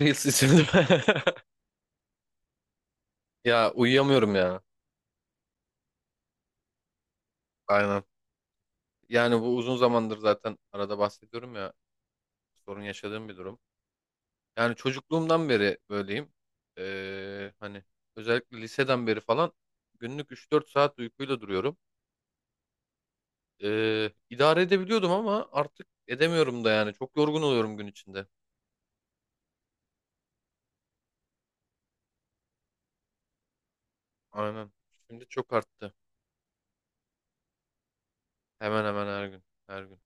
Reels isimli. Ya uyuyamıyorum ya. Aynen. Yani bu uzun zamandır zaten arada bahsediyorum ya, sorun yaşadığım bir durum. Yani çocukluğumdan beri böyleyim. Hani özellikle liseden beri falan günlük 3-4 saat uykuyla duruyorum. İdare edebiliyordum ama artık edemiyorum da yani. Çok yorgun oluyorum gün içinde. Aynen. Şimdi çok arttı. Hemen hemen her gün. Her gün.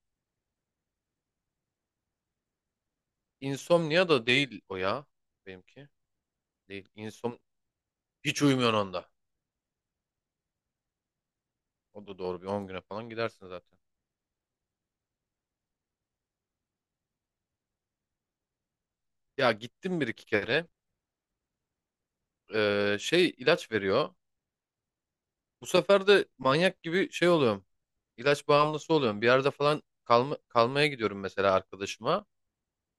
İnsomnia da değil o ya. Benimki. Değil. Hiç uyumuyorsun onda. O da doğru bir 10 güne falan gidersin zaten. Ya gittim 1-2 kere. Şey ilaç veriyor. Bu sefer de manyak gibi şey oluyorum. İlaç bağımlısı oluyorum. Bir yerde falan kalma, kalmaya gidiyorum mesela arkadaşıma.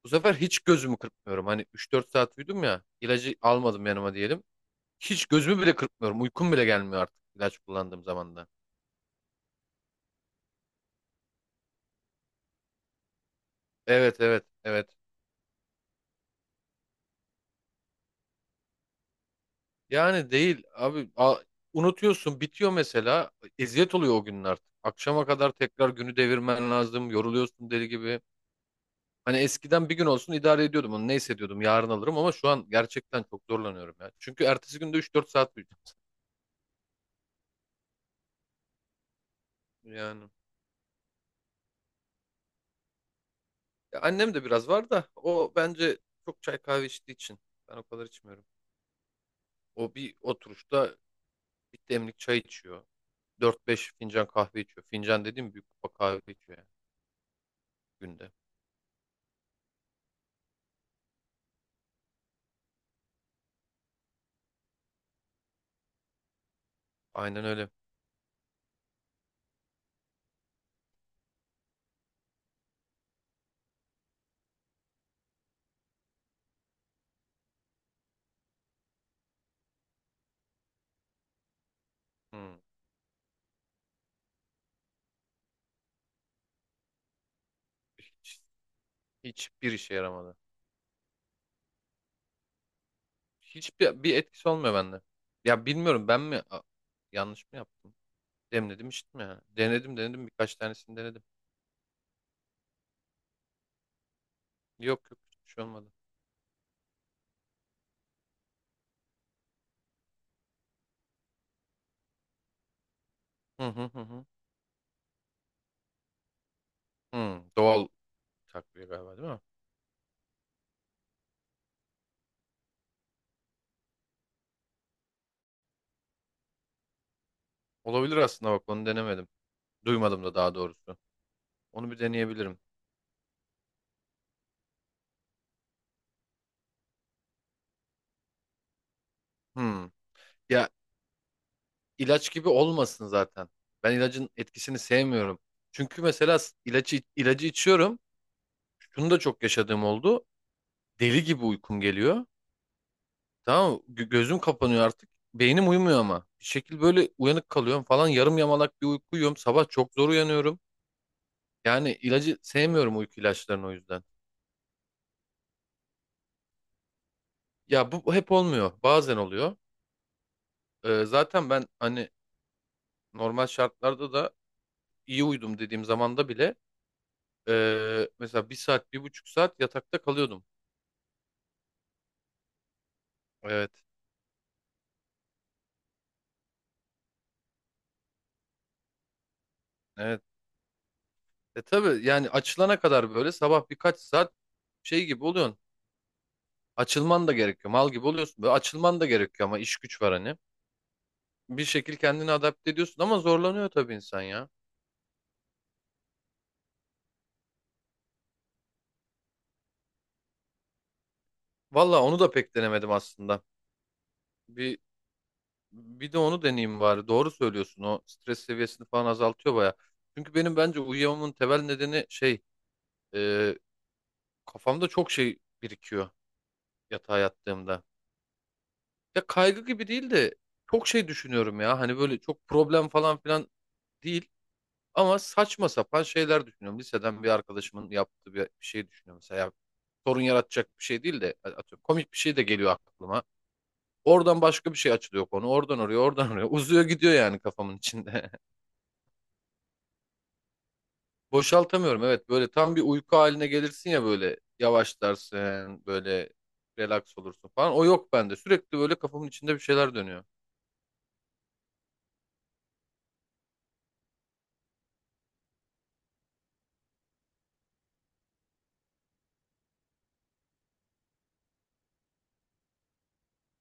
Bu sefer hiç gözümü kırpmıyorum. Hani 3-4 saat uyudum ya. İlacı almadım yanıma diyelim. Hiç gözümü bile kırpmıyorum. Uykum bile gelmiyor artık ilaç kullandığım zaman da. Evet evet evet. Yani değil abi unutuyorsun bitiyor mesela eziyet oluyor o günler. Akşama kadar tekrar günü devirmen lazım yoruluyorsun deli gibi. Hani eskiden bir gün olsun idare ediyordum onu ne hissediyordum yarın alırım ama şu an gerçekten çok zorlanıyorum ya. Çünkü ertesi günde 3-4 saat uyuyacağım yani. Ya annem de biraz var da o bence çok çay kahve içtiği için ben o kadar içmiyorum. O bir oturuşta bir demlik çay içiyor. 4-5 fincan kahve içiyor. Fincan dediğim büyük kupa kahve içiyor yani günde. Aynen öyle. Hmm. Hiç, hiçbir işe yaramadı. Hiçbir etkisi olmuyor bende. Ya bilmiyorum ben mi yanlış mı yaptım? Demledim içtim yani. Denedim birkaç tanesini denedim. Yok yok hiçbir şey olmadı. Hı hı hı hı. Hı, doğal takviye galiba değil mi? Olabilir aslında bak onu denemedim. Duymadım da daha doğrusu. Onu bir deneyebilirim. Hı. Ya ilaç gibi olmasın zaten. Ben ilacın etkisini sevmiyorum. Çünkü mesela ilacı içiyorum. Şunu da çok yaşadığım oldu. Deli gibi uykum geliyor. Tamam mı? Gözüm kapanıyor artık. Beynim uyumuyor ama. Bir şekil böyle uyanık kalıyorum falan. Yarım yamalak bir uyku uyuyorum. Sabah çok zor uyanıyorum. Yani ilacı sevmiyorum uyku ilaçlarını o yüzden. Ya bu hep olmuyor. Bazen oluyor. Zaten ben hani normal şartlarda da iyi uyudum dediğim zamanda bile mesela bir saat, bir buçuk saat yatakta kalıyordum. Evet. Evet. E tabii yani açılana kadar böyle sabah birkaç saat şey gibi oluyorsun. Açılman da gerekiyor. Mal gibi oluyorsun. Böyle açılman da gerekiyor ama iş güç var hani. Bir şekil kendini adapte ediyorsun ama zorlanıyor tabii insan ya. Valla onu da pek denemedim aslında. Bir bir de onu deneyeyim bari. Doğru söylüyorsun. O stres seviyesini falan azaltıyor baya. Çünkü benim bence uyuyamamın temel nedeni şey e, kafamda çok şey birikiyor yatağa yattığımda. Ya kaygı gibi değil de çok şey düşünüyorum ya. Hani böyle çok problem falan filan değil. Ama saçma sapan şeyler düşünüyorum. Liseden bir arkadaşımın yaptığı bir şey düşünüyorum. Mesela ya, sorun yaratacak bir şey değil de atıyorum, komik bir şey de geliyor aklıma. Oradan başka bir şey açılıyor konu. Oradan oraya, oradan oraya. Uzuyor gidiyor yani kafamın içinde. Boşaltamıyorum evet. Böyle tam bir uyku haline gelirsin ya böyle yavaşlarsın, böyle relax olursun falan. O yok bende. Sürekli böyle kafamın içinde bir şeyler dönüyor.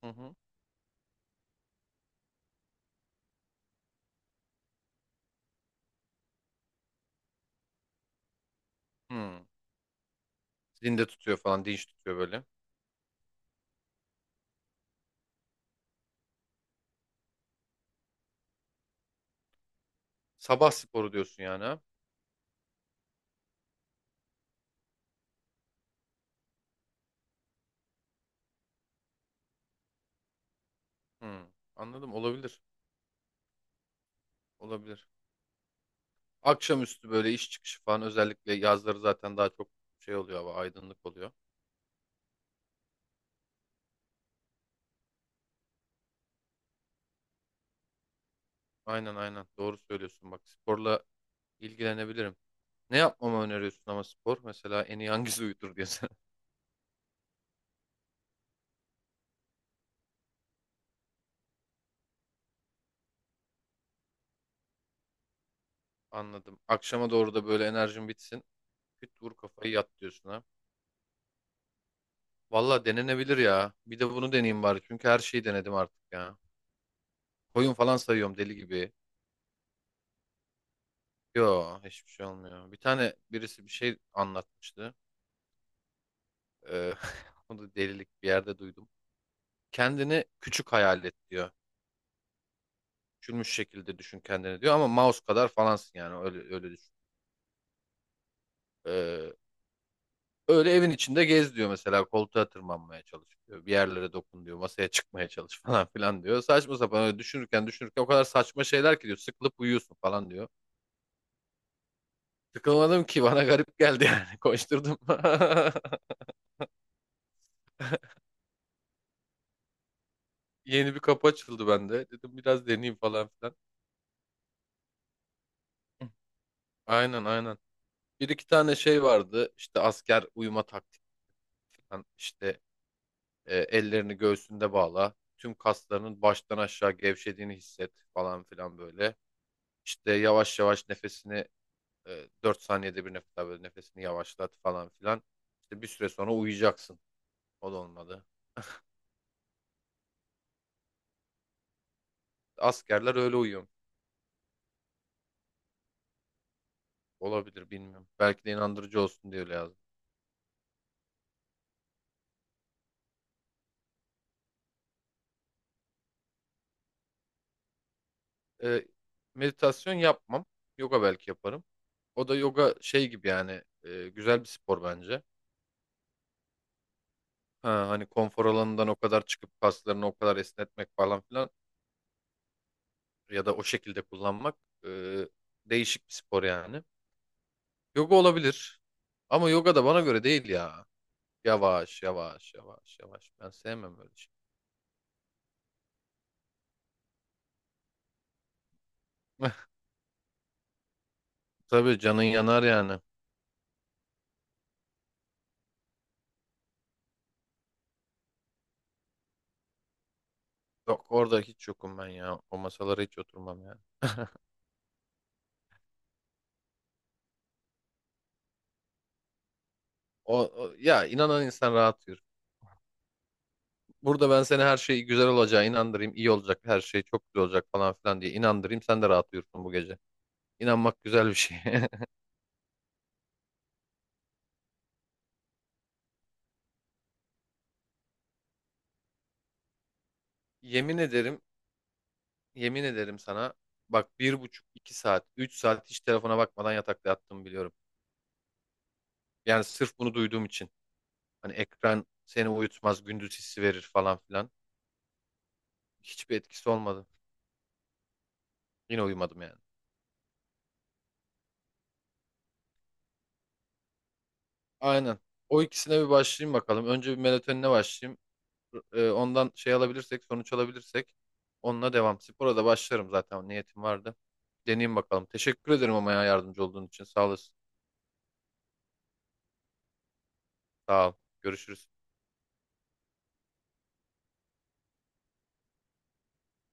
Hı hı. Hı. Zinde tutuyor falan, dinç tutuyor böyle. Sabah sporu diyorsun yani ha? Hı. Anladım olabilir. Olabilir. Akşamüstü böyle iş çıkışı falan özellikle yazları zaten daha çok şey oluyor hava aydınlık oluyor. Aynen aynen doğru söylüyorsun bak sporla ilgilenebilirim. Ne yapmamı öneriyorsun ama spor mesela en iyi hangisi uyutur diye sana. Anladım. Akşama doğru da böyle enerjin bitsin. Küt vur kafayı yat diyorsun ha. Valla denenebilir ya. Bir de bunu deneyeyim bari. Çünkü her şeyi denedim artık ya. Koyun falan sayıyorum deli gibi. Yo hiçbir şey olmuyor. Bir tane birisi bir şey anlatmıştı. Ee, onu da delilik bir yerde duydum. Kendini küçük hayal et diyor. Küçülmüş şekilde düşün kendini diyor ama mouse kadar falansın yani öyle öyle düşün. Ee, Öyle evin içinde gez diyor mesela koltuğa tırmanmaya çalış diyor. Bir yerlere dokun diyor. Masaya çıkmaya çalış falan filan diyor. Saçma sapan öyle düşünürken düşünürken o kadar saçma şeyler ki diyor. Sıkılıp uyuyorsun falan diyor. Sıkılmadım ki bana garip geldi yani. Koşturdum. Yeni bir kapı açıldı bende. Dedim biraz deneyeyim falan filan. Hı. Aynen aynen. Bir iki tane şey vardı. İşte asker uyuma taktik falan. İşte ellerini göğsünde bağla. Tüm kaslarının baştan aşağı gevşediğini hisset falan filan böyle. İşte yavaş yavaş nefesini 4 saniyede bir nefes al, böyle nefesini yavaşlat falan filan. İşte bir süre sonra uyuyacaksın. O da olmadı. Askerler öyle uyuyor. Olabilir bilmiyorum. Belki de inandırıcı olsun diye öyle yazdım. E, Meditasyon yapmam. Yoga belki yaparım. O da yoga şey gibi yani güzel bir spor bence. Ha, hani konfor alanından o kadar çıkıp kaslarını o kadar esnetmek falan filan ya da o şekilde kullanmak e, değişik bir spor yani. Yoga olabilir. Ama yoga da bana göre değil ya. Yavaş yavaş yavaş yavaş. Ben sevmem böyle şey. Tabii canın yanar yani. Yok orada hiç yokum ben ya. O masalara hiç oturmam yani. Ya inanan insan rahat yürür. Burada ben seni her şey güzel olacağı inandırayım, iyi olacak, her şey çok güzel olacak falan filan diye inandırayım. Sen de rahat uyursun bu gece. İnanmak güzel bir şey. Yemin ederim Yemin ederim sana bak bir buçuk, iki saat, üç saat hiç telefona bakmadan yatakta yattığımı biliyorum. Yani sırf bunu duyduğum için. Hani ekran seni uyutmaz, gündüz hissi verir falan filan. Hiçbir etkisi olmadı. Yine uyumadım yani. Aynen. O ikisine bir başlayayım bakalım. Önce bir melatoninle başlayayım. Ondan şey alabilirsek, sonuç alabilirsek onunla devam. Spora da başlarım zaten. Niyetim vardı. Deneyeyim bakalım. Teşekkür ederim ama ya yardımcı olduğun için. Sağ olasın. Sağ ol. Görüşürüz.